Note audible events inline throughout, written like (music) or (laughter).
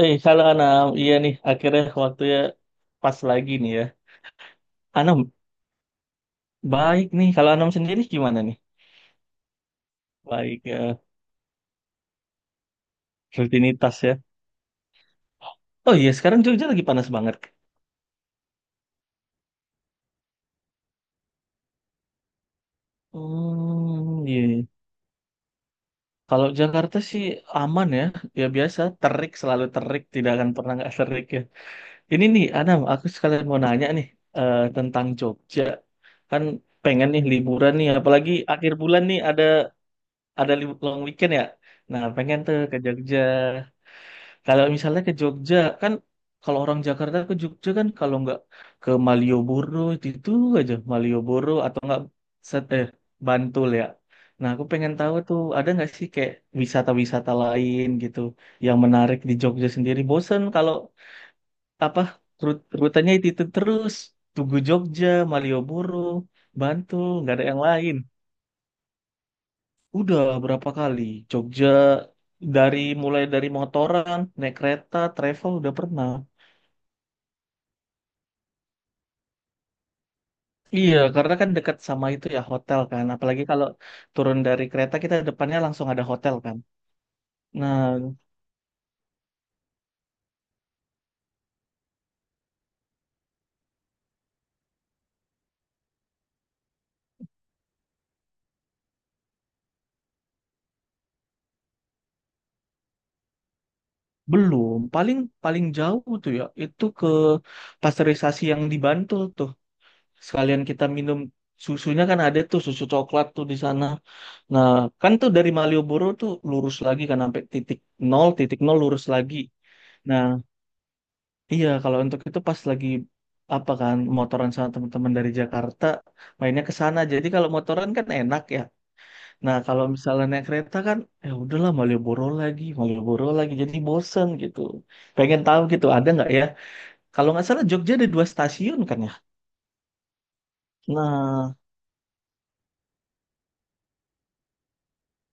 Eh, halo Anam. Iya nih, akhirnya waktunya pas lagi nih ya. Anam, baik nih. Kalau Anam sendiri gimana nih? Baik ya, rutinitas ya. Oh iya, sekarang Jogja lagi panas banget. Hmm, iya. Iya. Kalau Jakarta sih aman ya. Ya biasa, terik, selalu terik. Tidak akan pernah nggak terik ya. Ini nih, Anam, aku sekalian mau nanya nih tentang Jogja. Kan pengen nih liburan nih, apalagi akhir bulan nih ada long weekend ya. Nah, pengen tuh ke Jogja. Kalau misalnya ke Jogja kan kalau orang Jakarta ke Jogja kan kalau nggak ke Malioboro itu aja Malioboro atau nggak set eh Bantul ya. Nah aku pengen tahu tuh ada nggak sih kayak wisata-wisata lain gitu yang menarik di Jogja sendiri. Bosen kalau apa rutenya itu terus Tugu Jogja, Malioboro, Bantul nggak ada yang lain. Udah berapa kali Jogja dari mulai dari motoran, naik kereta, travel udah pernah. Iya, karena kan dekat sama itu ya hotel kan. Apalagi kalau turun dari kereta kita depannya langsung ada hotel kan. Nah, belum. Paling paling jauh tuh ya itu ke pasteurisasi yang di Bantul tuh. Sekalian kita minum susunya kan ada tuh susu coklat tuh di sana. Nah, kan tuh dari Malioboro tuh lurus lagi kan sampai titik nol lurus lagi. Nah, iya kalau untuk itu pas lagi apa kan motoran sama teman-teman dari Jakarta mainnya ke sana. Jadi kalau motoran kan enak ya. Nah, kalau misalnya naik kereta kan, ya udahlah Malioboro lagi, jadi bosen gitu. Pengen tahu gitu, ada nggak ya? Kalau nggak salah Jogja ada dua stasiun kan ya? Nah,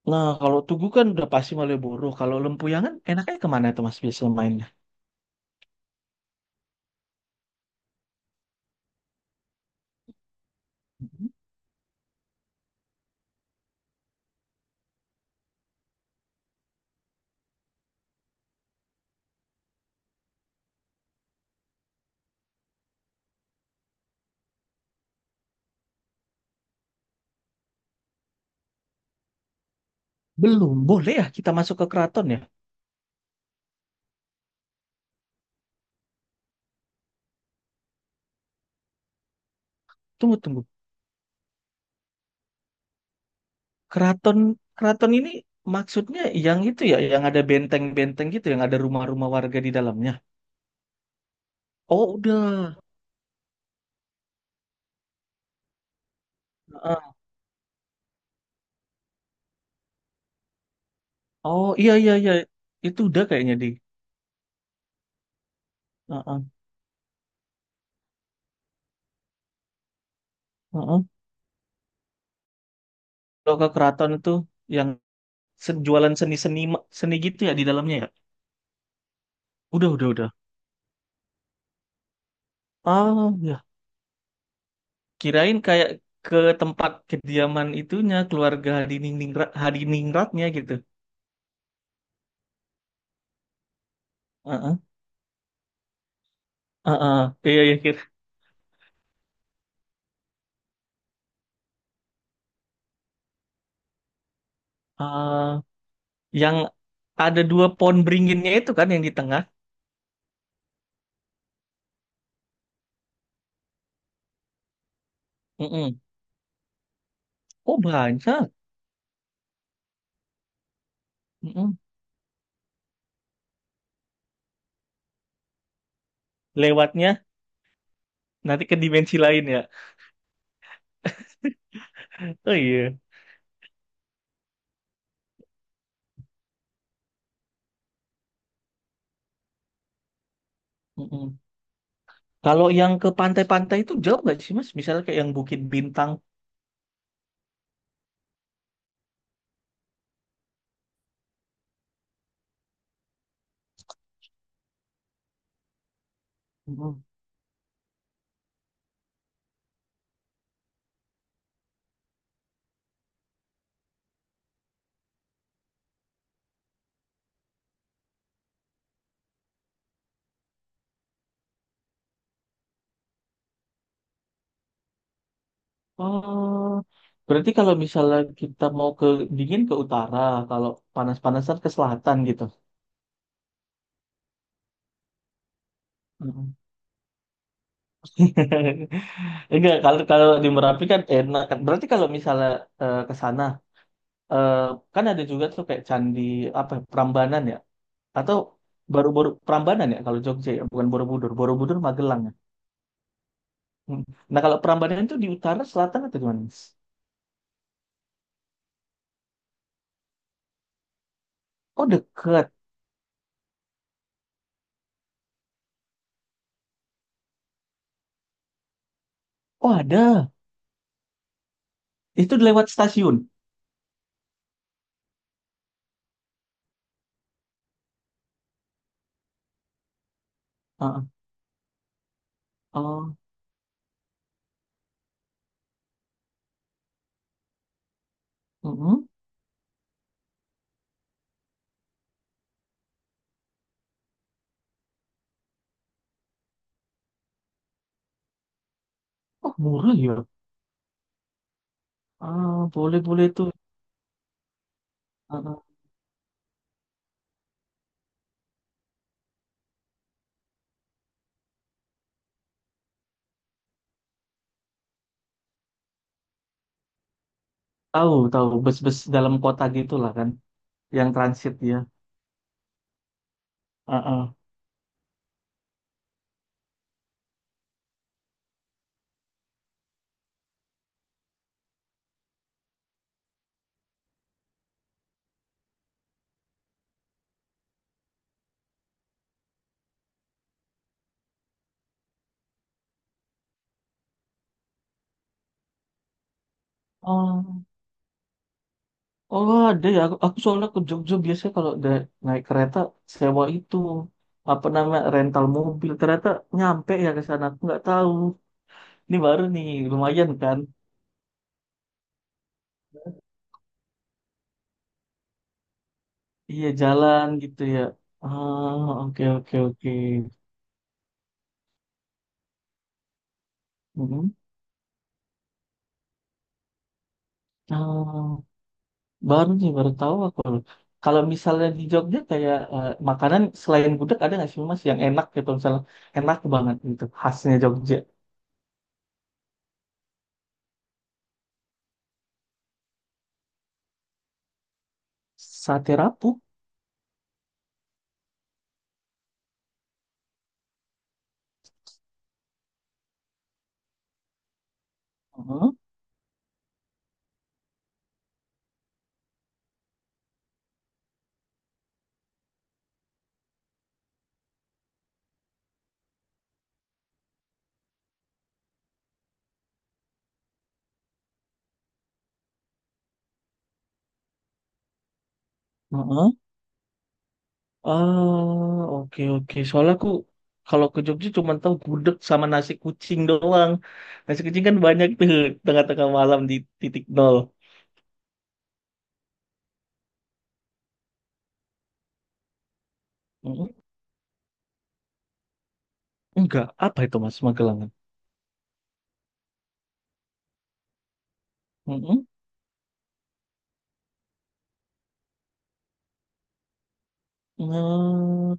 nah kalau Tugu kan udah pasti Malioboro. Kalau Lempuyangan enaknya kemana tuh Mas biasanya mainnya? Belum, boleh ya kita masuk ke keraton ya? Tunggu, tunggu. Keraton, keraton ini maksudnya yang itu ya, yang ada benteng-benteng gitu, yang ada rumah-rumah warga di dalamnya. Oh, udah. Heeh. Oh, iya, iya, iya. Itu udah kayaknya di. Heeh. Heeh. Kalau ke keraton itu yang jualan seni-seni seni gitu ya di dalamnya ya. Udah, udah. Ah, ya. Kirain kayak ke tempat kediaman itunya keluarga hadiningrat hadiningratnya gitu. Heeh. Heeh. Iya, iya, kira. Ah, yang ada dua pohon beringinnya itu kan yang di tengah. Mm-mm. Oh, banyak. Mm-mm. Lewatnya nanti ke dimensi lain ya. Oh iya. Mm-mm. Kalau yang ke pantai-pantai itu jauh nggak sih, Mas? Misalnya kayak yang Bukit Bintang. Oh, berarti kalau misalnya kita mau ke dingin ke utara, kalau panas-panasan ke selatan gitu. Mm. (laughs) Enggak, kalau kalau di Merapi kan enak kan. Berarti kalau misalnya ke sana, eh, kan ada juga tuh kayak candi apa ya, Prambanan ya, atau baru-baru Prambanan ya kalau Jogja ya, bukan Borobudur. Borobudur Magelang ya. Mm. Nah kalau Prambanan itu di utara, selatan atau gimana? Oh dekat. Oh ada. Itu lewat stasiun. Ah, ah. Oh, mm-mm. Oh murah ya. Ah, boleh boleh tuh. Ah, ah. Tahu tahu bus-bus dalam kota gitulah kan, yang transit ya. Ah, ah. Oh, oh ada ya. Aku soalnya ke Jogja biasanya kalau naik kereta sewa itu apa namanya rental mobil. Ternyata nyampe ya ke sana. Aku nggak tahu. Ini baru nih, lumayan kan? Iya jalan gitu ya. Ah, oke oke oke. Mhm. Ah, baru nih, baru tahu aku. Kalau misalnya di Jogja kayak makanan selain gudeg ada nggak sih Mas yang enak gitu misalnya enak banget gitu khasnya Jogja. Sate rapuh. Heeh, heeh. Ah, oke oke. Soalnya aku kalau ke Jogja cuma tahu gudeg sama nasi kucing doang. Nasi kucing kan banyak tuh tengah-tengah malam di titik nol. Heeh. Enggak, apa itu Mas Magelangan? Heeh. Nah,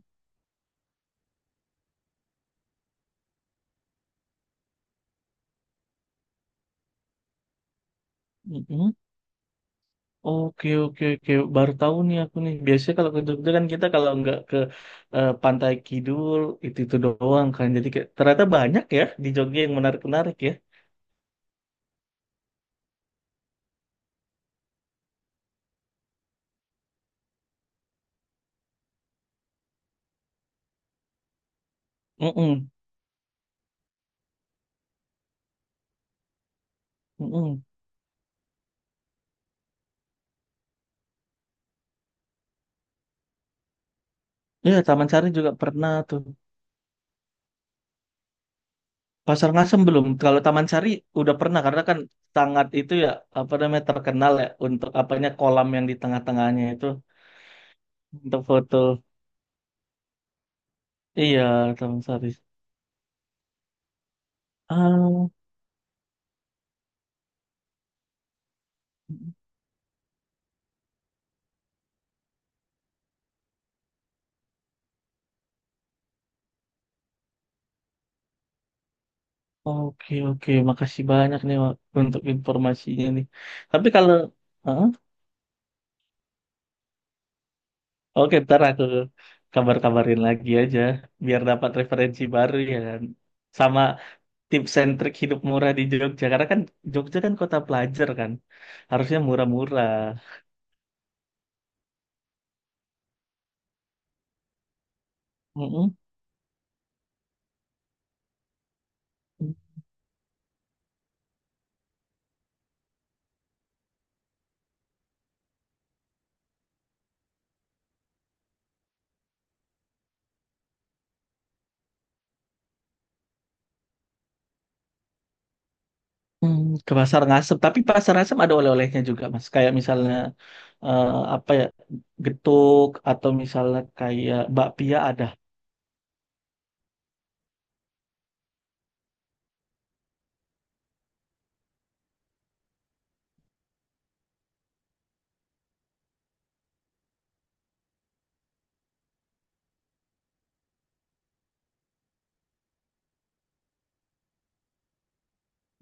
heeh. Oke oke oke baru tahu nih aku nih biasanya kalau ke Jogja kan kita kalau nggak ke Pantai Kidul itu doang kan jadi kayak, ternyata banyak ya di Jogja yang menarik menarik ya. Mm ya Taman Sari juga pernah tuh. Pasar Ngasem belum kalau Taman Sari udah pernah karena kan sangat itu ya apa namanya terkenal ya untuk apanya kolam yang di tengah-tengahnya itu untuk foto. Iya, Taman Sari. Ah. Oke, oke. Makasih banyak nih Wak, untuk informasinya nih. Tapi kalau. Hah? Oke, ntar aku kabar-kabarin lagi aja biar dapat referensi baru ya kan. Sama tips and trik hidup murah di Jogja. Karena kan Jogja kan kota pelajar kan. Harusnya murah-murah. Mm-mm. Hmm, ke pasar Ngasem, tapi pasar Ngasem ada oleh-olehnya juga, Mas. Kayak misalnya eh, apa ya, getuk atau misalnya kayak bakpia ada.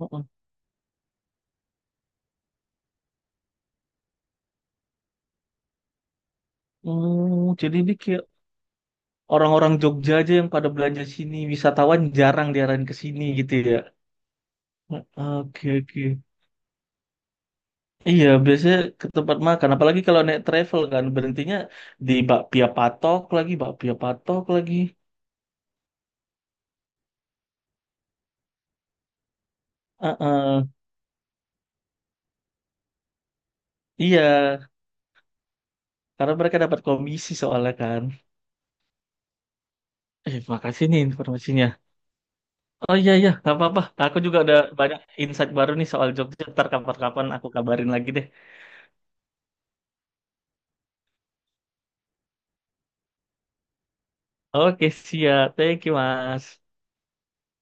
Mm-mm. Hmm, jadi ini kayak orang-orang Jogja aja yang pada belanja sini, wisatawan jarang diarahin ke sini gitu ya. Oke, oke. Iya, biasanya ke tempat makan. Apalagi kalau naik travel kan, berhentinya di bakpia patok lagi, bakpia patok lagi. Heeh. Iya, karena mereka dapat komisi soalnya kan. Eh, makasih nih informasinya. Oh iya, iya, nggak apa-apa. Aku juga udah banyak insight baru nih soal Jogja. Ntar kapan-kapan aku kabarin lagi deh. Oke, siap. Thank you, Mas.